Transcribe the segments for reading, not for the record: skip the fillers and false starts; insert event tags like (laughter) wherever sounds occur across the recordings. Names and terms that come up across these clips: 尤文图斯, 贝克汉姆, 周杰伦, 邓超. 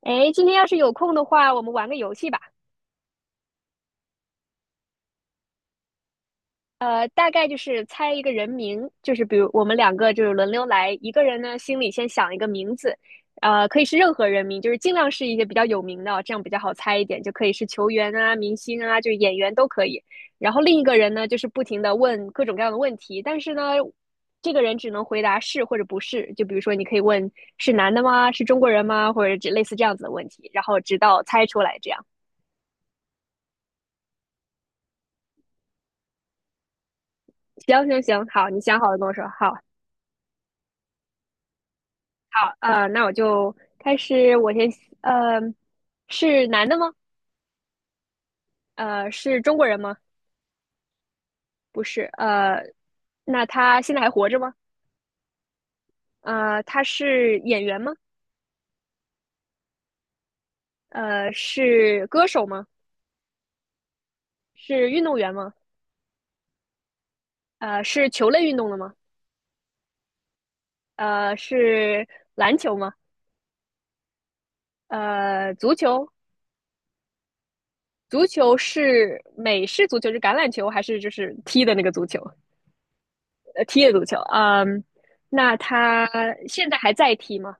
哎，今天要是有空的话，我们玩个游戏吧。大概就是猜一个人名，就是比如我们两个就是轮流来，一个人呢心里先想一个名字，可以是任何人名，就是尽量是一些比较有名的，这样比较好猜一点，就可以是球员啊、明星啊，就是演员都可以。然后另一个人呢，就是不停的问各种各样的问题，但是呢，这个人只能回答是或者不是。就比如说，你可以问是男的吗？是中国人吗？或者这类似这样子的问题，然后直到猜出来这样。行行行，好，你想好了跟我说。好，好，那我就开始。我先，呃，是男的吗？是中国人吗？不是。那他现在还活着吗？他是演员吗？是歌手吗？是运动员吗？是球类运动的吗？是篮球吗？足球，足球是美式足球，是橄榄球还是就是踢的那个足球？踢了足球，嗯，那他现在还在踢吗？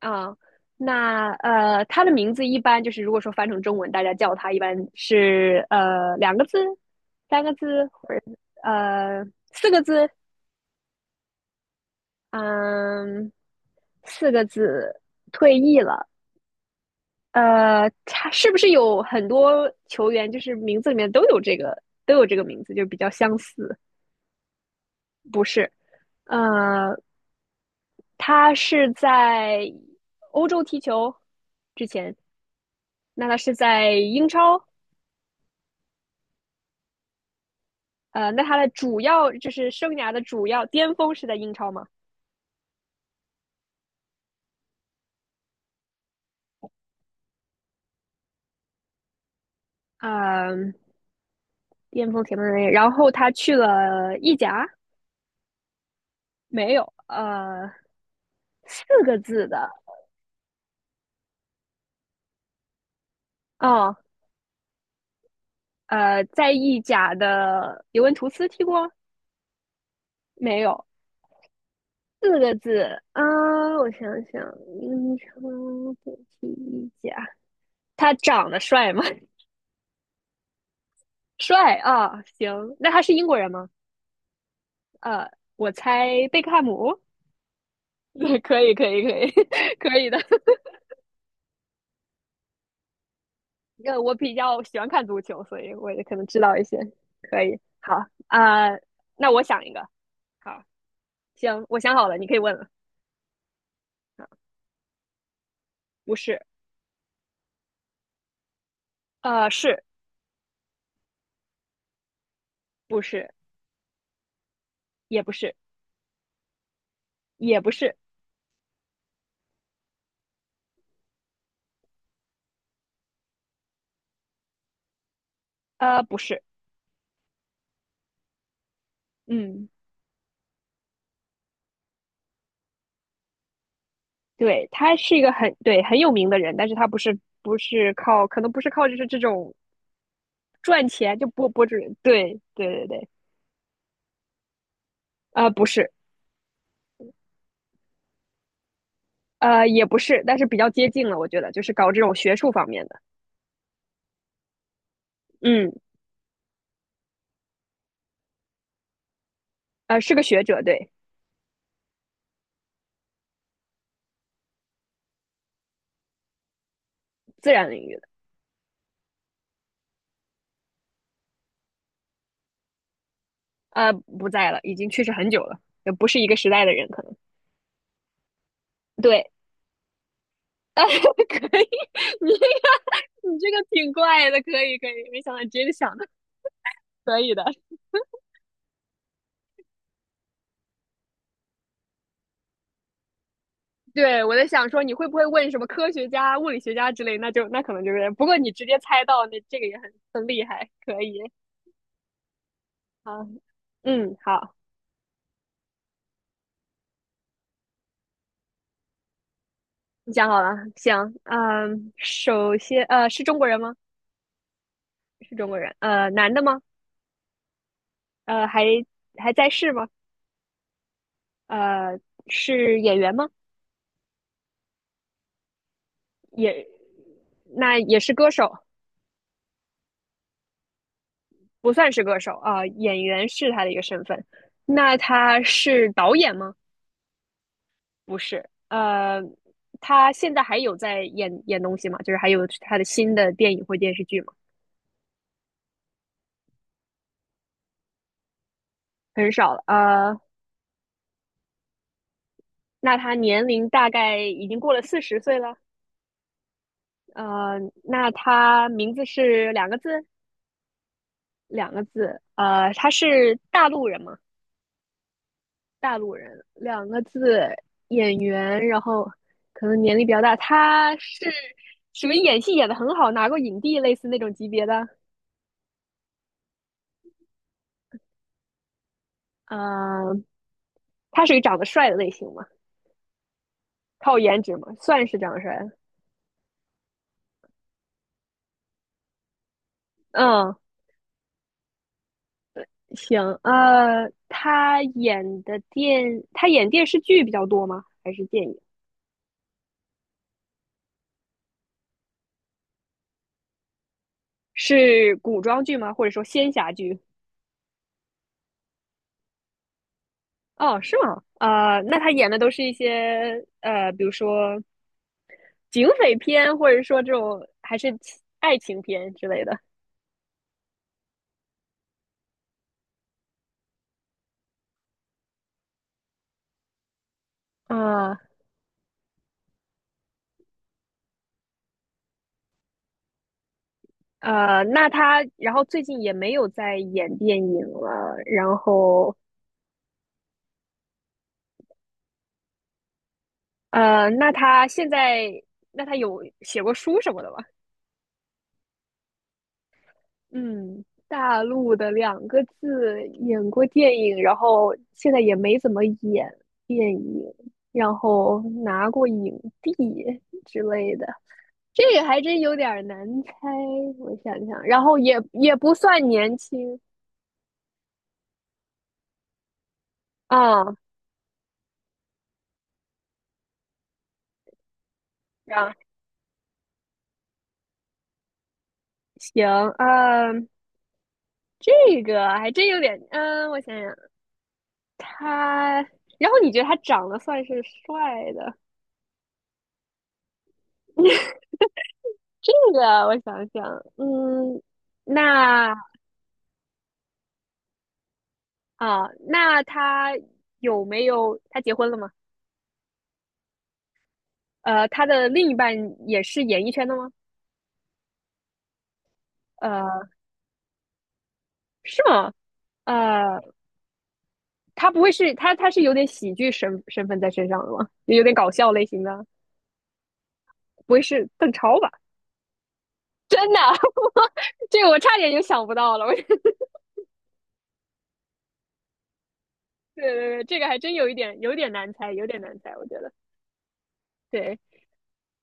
啊、那他的名字一般就是如果说翻成中文，大家叫他一般是两个字、三个字或者呃四个字，嗯，四个字退役了。他是不是有很多球员就是名字里面都有这个名字，就比较相似？不是，呃，他是在欧洲踢球之前，那他是在英超，那他的主要就是生涯的主要巅峰是在英超嘛？嗯，巅峰前面的然后他去了意甲，没有，四个字的，哦，在意甲的尤文图斯踢过没有？四个字啊，我想想，英超对踢意甲，他长得帅吗？帅啊，行，那他是英国人吗？呃，我猜贝克汉姆。(laughs) 可以，可以，可以，(laughs) 可以的。我比较喜欢看足球，所以我也可能知道一些。可以，好啊，那我想一个。好，行，我想好了，你可以问了。啊，不是，呃，是不是？也不是，也不是，不是。嗯，对，他是一个很对很有名的人，但是他不是靠，可能不是靠就是这种赚钱就博主人。对，对对对，不是。也不是，但是比较接近了，我觉得就是搞这种学术方面的，嗯，是个学者，对，自然领域的，不在了，已经去世很久了，也不是一个时代的人，可能，对，呃，(laughs) 可以，你这个挺怪的，可以可以，没想到你直接就想的，可以的，对，我在想说你会不会问什么科学家、物理学家之类，那就那可能就是，不过你直接猜到，那这个也很厉害，可以，啊，嗯，好，你想好了，行，嗯，首先，是中国人吗？是中国人，男的吗？还在世吗？呃，是演员吗？也，那也是歌手，不算是歌手啊，演员是他的一个身份。那他是导演吗？不是，他现在还有在演东西吗？就是还有他的新的电影或电视剧吗？很少了，那他年龄大概已经过了四十岁了，呃，那他名字是两个字，两个字，他是大陆人吗？大陆人，两个字演员，然后可能年龄比较大，他是属于演戏演的很好，拿过影帝类似那种级别的。嗯，他属于长得帅的类型嘛，靠颜值嘛，算是长得帅的嗯，行，他演电视剧比较多吗？还是电影？是古装剧吗？或者说仙侠剧？哦，是吗？那他演的都是一些比如说警匪片，或者说这种还是爱情片之类的啊。那他然后最近也没有在演电影了，然后呃，那他现在那他有写过书什么的吗？嗯，大陆的两个字演过电影，然后现在也没怎么演电影，然后拿过影帝之类的。这个还真有点难猜，我想想，然后也不算年轻啊，然行，嗯，这个还真有点，嗯，我想想，他，然后你觉得他长得算是帅的？(laughs) 这个我想想，嗯，那啊，那他有没有他结婚了吗？他的另一半也是演艺圈的吗？呃，是吗？呃，他不会是他他是有点喜剧身份在身上的吗？有点搞笑类型的，不会是邓超吧？(laughs) 真的，(laughs) 这个我差点就想不到了。我 (laughs) 对对对，这个还真有一点有点难猜，有点难猜，我觉得。对，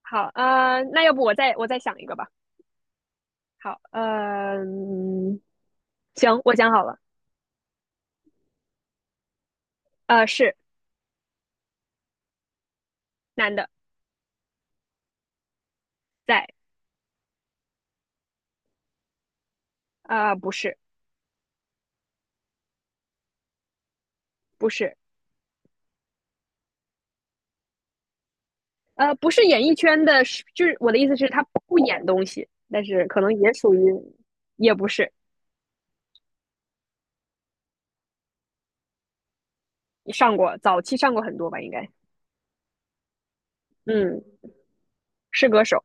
好，那要不我再想一个吧。好，呃嗯行，我想好了，是男的，在，不是，不是，不是演艺圈的，是就是我的意思是，他不演东西，但是可能也属于，也不是，上过，早期上过很多吧，应该。嗯，是歌手，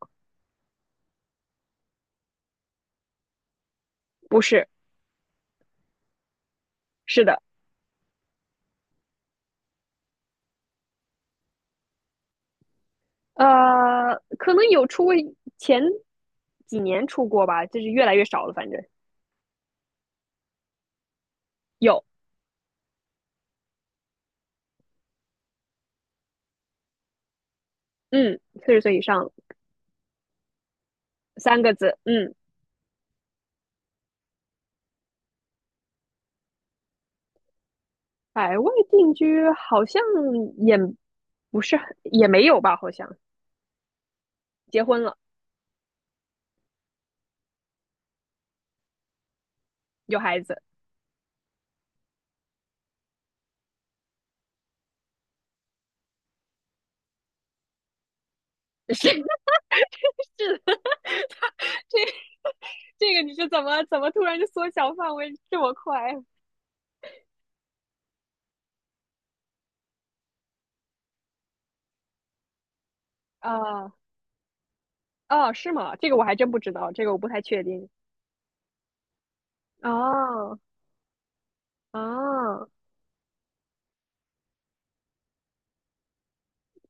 不是，是的，可能有出过，前几年出过吧，就是越来越少了，反正有，嗯，四十岁以上三个字，嗯，海外定居好像也不是很也没有吧，好像结婚了，有孩子，(laughs) 是是的，(laughs) 他这这个你是怎么突然就缩小范围这么快啊？啊哦是吗？这个我还真不知道，这个我不太确定。哦哦，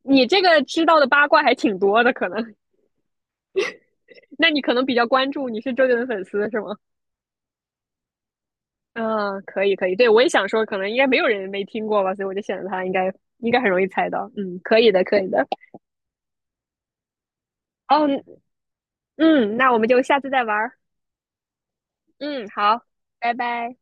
你这个知道的八卦还挺多的，可能，(laughs) 那你可能比较关注，你是周杰伦粉丝是吗？嗯，可以可以，对，我也想说，可能应该没有人没听过吧，所以我就选了他，应该应该很容易猜到。嗯，可以的，可以的。哦，嗯，那我们就下次再玩儿嗯，好，拜拜。